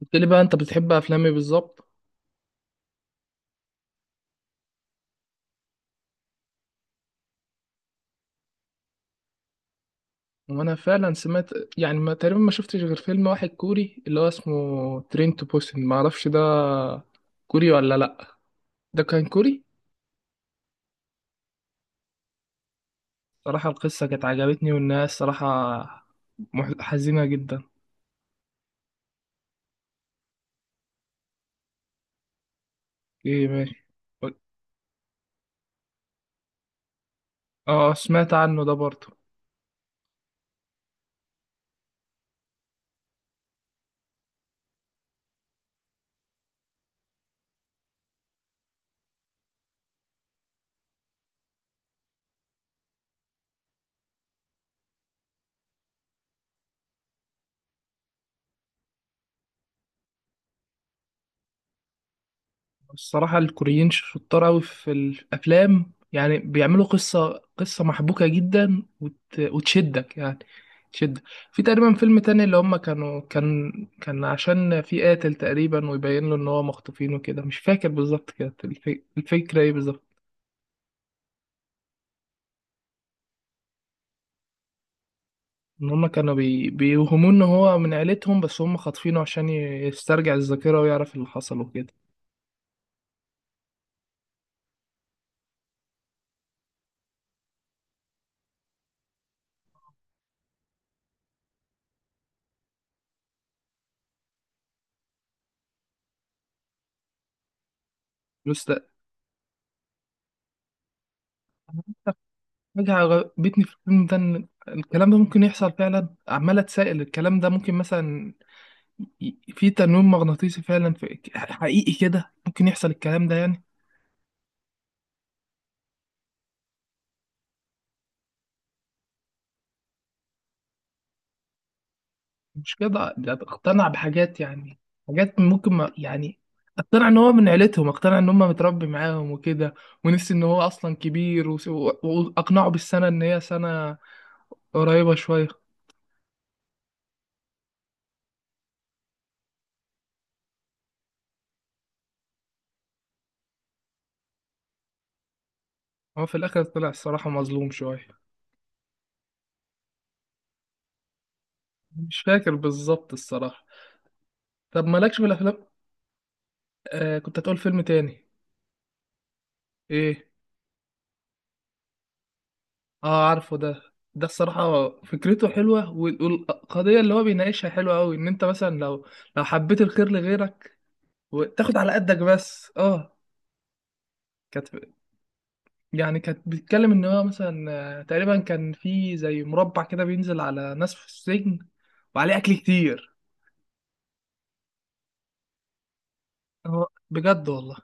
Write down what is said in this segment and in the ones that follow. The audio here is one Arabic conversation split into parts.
قلت لي بقى انت بتحب افلامي بالظبط. وانا فعلا سمعت، يعني ما تقريبا ما شفتش غير فيلم واحد كوري اللي هو اسمه ترين تو بوسن، ما اعرفش ده كوري ولا لا. ده كان كوري. صراحة القصة كانت عجبتني، والناس صراحة حزينة جدا. ايه ماشي. اه سمعت عنه ده برضه. الصراحة الكوريين شطار أوي في الأفلام، يعني بيعملوا قصة محبوكة جدا وتشدك يعني. تشدك. في تقريبا فيلم تاني اللي هما كان، كان عشان في قاتل تقريبا ويبين له إن هو مخطوفين وكده، مش فاكر بالظبط كده الفكرة إيه بالظبط. إن هما كانوا بيوهموه إن هو من عيلتهم، بس هما خاطفينه عشان يسترجع الذاكرة ويعرف اللي حصل وكده. بس ده حاجة عجبتني في الفيلم ده، إن الكلام ده ممكن يحصل فعلا. عمال أتسائل الكلام ده ممكن مثلا، في تنويم مغناطيسي فعلا، في حقيقي كده ممكن يحصل الكلام ده يعني؟ مش كده، ده اقتنع بحاجات يعني، حاجات ممكن، ما يعني اقتنع إن هو من عيلتهم، اقتنع إن هم متربي معاهم وكده، ونسي إن هو أصلا كبير وأقنعه بالسنة إن هي سنة قريبة شوية. هو في الآخر طلع الصراحة مظلوم شوية. مش فاكر بالظبط الصراحة. طب مالكش في الأفلام؟ آه كنت هتقول فيلم تاني. ايه. اه عارفه ده. ده الصراحة فكرته حلوة والقضية اللي هو بيناقشها حلوة أوي، إن أنت مثلا لو، لو حبيت الخير لغيرك وتاخد على قدك بس اه. كانت، يعني كانت بتتكلم إن هو مثلا، آه، تقريبا كان في زي مربع كده بينزل على ناس في السجن وعليه أكل كتير. اه بجد والله.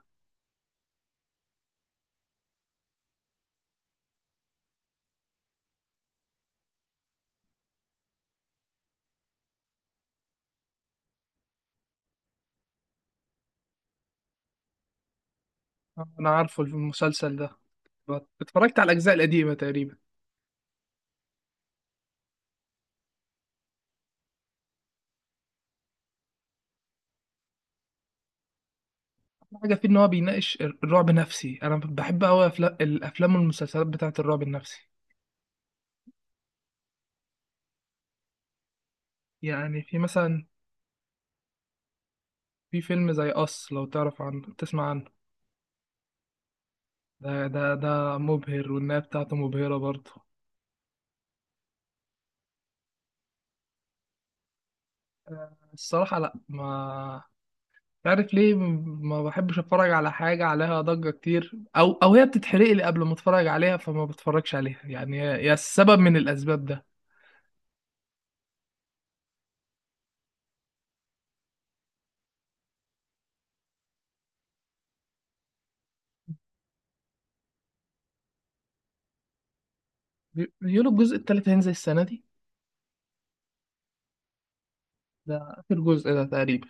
آه، أنا عارفه المسلسل ده. اتفرجت على الأجزاء القديمة تقريبا. حاجة فيه إن هو بيناقش الرعب النفسي. أنا بحب أوي الأفلام والمسلسلات بتاعة الرعب النفسي. يعني في مثلا، في فيلم زي أص، لو تعرف عنه، تسمع عنه. ده مبهر والنهاية بتاعته مبهرة برضه. الصراحة لأ، ما تعرف ليه ما بحبش أتفرج على حاجة عليها ضجة كتير، أو أو هي بتتحرق لي قبل ما أتفرج عليها، فما بتفرجش عليها يعني، هي هي السبب من الأسباب ده. بيقولوا الجزء التالت هينزل السنة دي. ده آخر جزء ده تقريبا.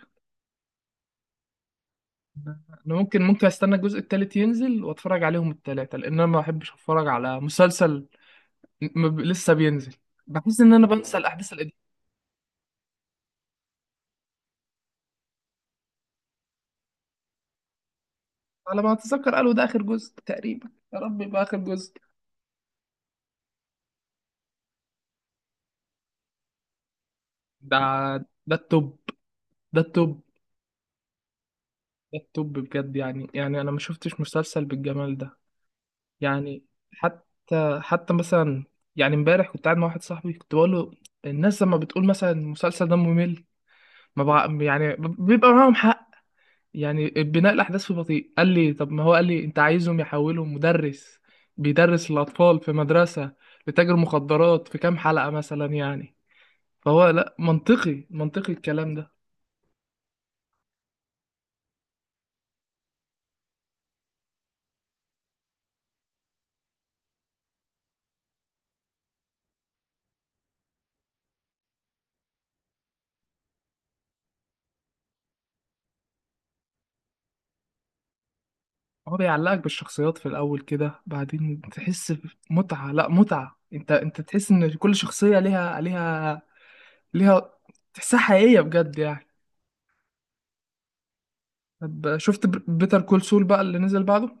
انا ممكن استنى الجزء التالت ينزل واتفرج عليهم التلاتة، لان انا ما بحبش اتفرج على مسلسل لسه بينزل، بحس ان انا بنسى الاحداث القديمة. على ما اتذكر قالوا ده اخر جزء تقريبا، يا رب يبقى اخر جزء. ده ده التوب. ده التوب. ده التوب بجد يعني، يعني انا ما شفتش مسلسل بالجمال ده. يعني حتى مثلا، يعني امبارح كنت قاعد مع واحد صاحبي كنت بقول له، الناس لما بتقول مثلا المسلسل ده ممل، ما بقى يعني بيبقى معاهم حق. يعني بناء الاحداث في بطيء. قال لي طب ما هو قال لي انت عايزهم يحولوا مدرس بيدرس الاطفال في مدرسه لتاجر مخدرات في كام حلقه مثلا يعني. فهو لا، منطقي منطقي الكلام ده. هو بيعلقك بالشخصيات في الاول كده، بعدين تحس بمتعه، لا متعه، انت تحس ان كل شخصيه ليها، ليها، ليها، تحسها حقيقيه بجد يعني. طب شفت بيتر كول سول بقى اللي نزل بعده؟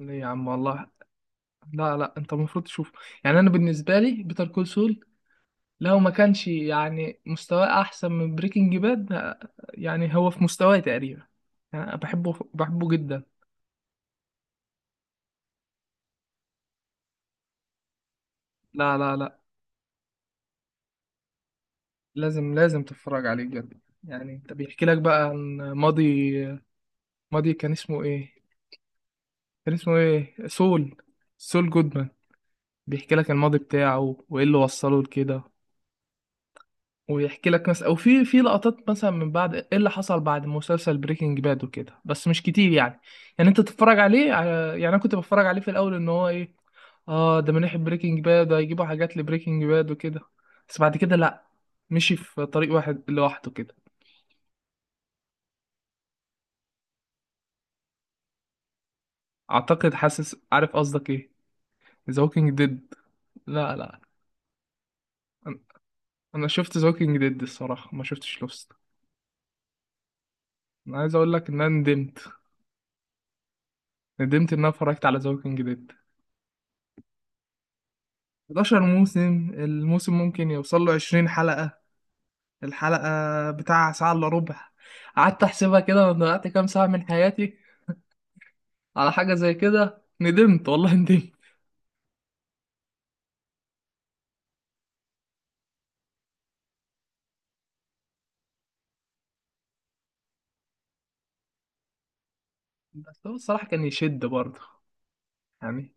ليه يا عم والله. لا انت المفروض تشوفه. يعني انا بالنسبه لي بيتر كول، لو ما كانش يعني مستواه احسن من بريكنج باد، يعني هو في مستواه تقريبا. يعني انا بحبه جدا. لا، لازم تتفرج عليه بجد يعني. انت بيحكي لك بقى عن ماضي، ماضي كان اسمه ايه، كان اسمه ايه سول، سول جودمان. بيحكي لك الماضي بتاعه وايه اللي وصله لكده. ويحكي لك مثلا، او في لقطات مثلا من بعد ايه اللي حصل بعد مسلسل بريكنج باد وكده، بس مش كتير يعني. يعني انت تتفرج عليه. يعني انا كنت بتفرج عليه في الاول ان هو ايه، اه ده من ناحية بريكنج باد، هيجيبوا حاجات لبريكنج باد وكده، بس بعد كده لا، مشي في طريق واحد لوحده كده. اعتقد حاسس، عارف قصدك ايه، ذا ووكينج ديد. لا لا انا، أنا شفت ذا ووكينج ديد، الصراحة ما شفتش لوست. انا عايز اقول لك ان انا ندمت، ندمت ان انا اتفرجت على ذا ووكينج ديد. 11 موسم، الموسم ممكن يوصل له 20 حلقة، الحلقة بتاع ساعة الا ربع. قعدت احسبها كده، انا ضيعت كام ساعة من حياتي على حاجة زي كده. ندمت والله ندمت. بس هو الصراحة كان يشد برضه يعني.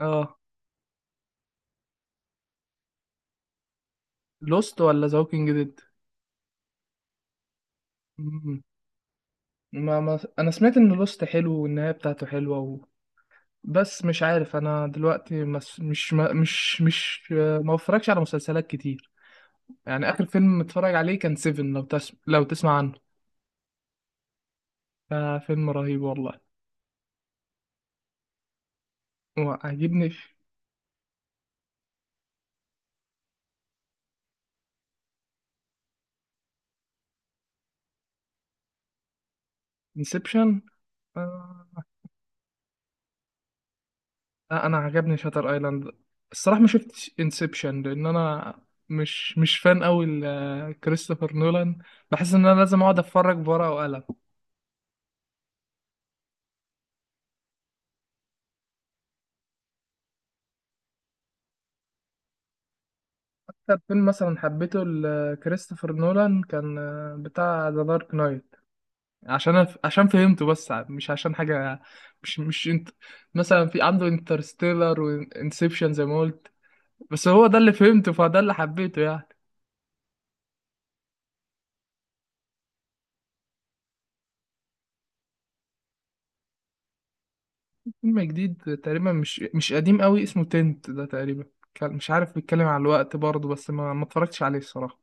اه. لوست ولا ذا ووكينج ديد؟ مم. ما ما انا سمعت ان لوست حلو والنهاية بتاعته حلوة و... بس مش عارف انا دلوقتي مس... مش ما... مش مش آه، ما بفرجش على مسلسلات كتير يعني. اخر فيلم متفرج عليه كان سيفن، لو تسمع عنه. آه فيلم رهيب والله. وعجبني انسبشن. لا انا عجبني شاتر ايلاند. الصراحه ما شفتش انسبشن، لان انا مش فان قوي لكريستوفر نولان، بحس ان انا لازم اقعد اتفرج بورقه وقلم. اكتر فيلم مثلا حبيته لكريستوفر نولان كان آه، بتاع ذا دارك نايت، عشان فهمته بس، مش عشان حاجه. مش انت، مثلا في عنده انترستيلر وانسبشن زي ما قلت، بس هو ده اللي فهمته فده اللي حبيته يعني. فيلم جديد تقريبا، مش قديم قوي، اسمه تنت ده تقريبا. مش عارف، بيتكلم على الوقت برضه، بس ما اتفرجتش عليه الصراحة.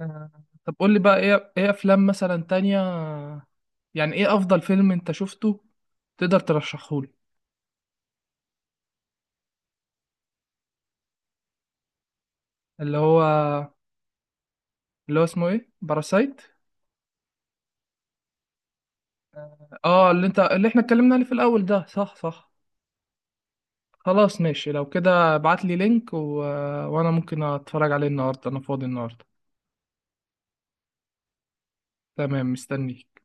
آه، طب قول لي بقى ايه، ايه افلام مثلا تانية، يعني ايه افضل فيلم انت شفته تقدر ترشحه لي. اللي هو. اللي هو اسمه ايه، باراسايت؟ اه اللي انت، اللي احنا اتكلمنا عليه في الاول ده، صح صح. خلاص ماشي لو كده، ابعت لي لينك و... وانا ممكن اتفرج عليه النهارده، انا فاضي النهارده. تمام مستنيك.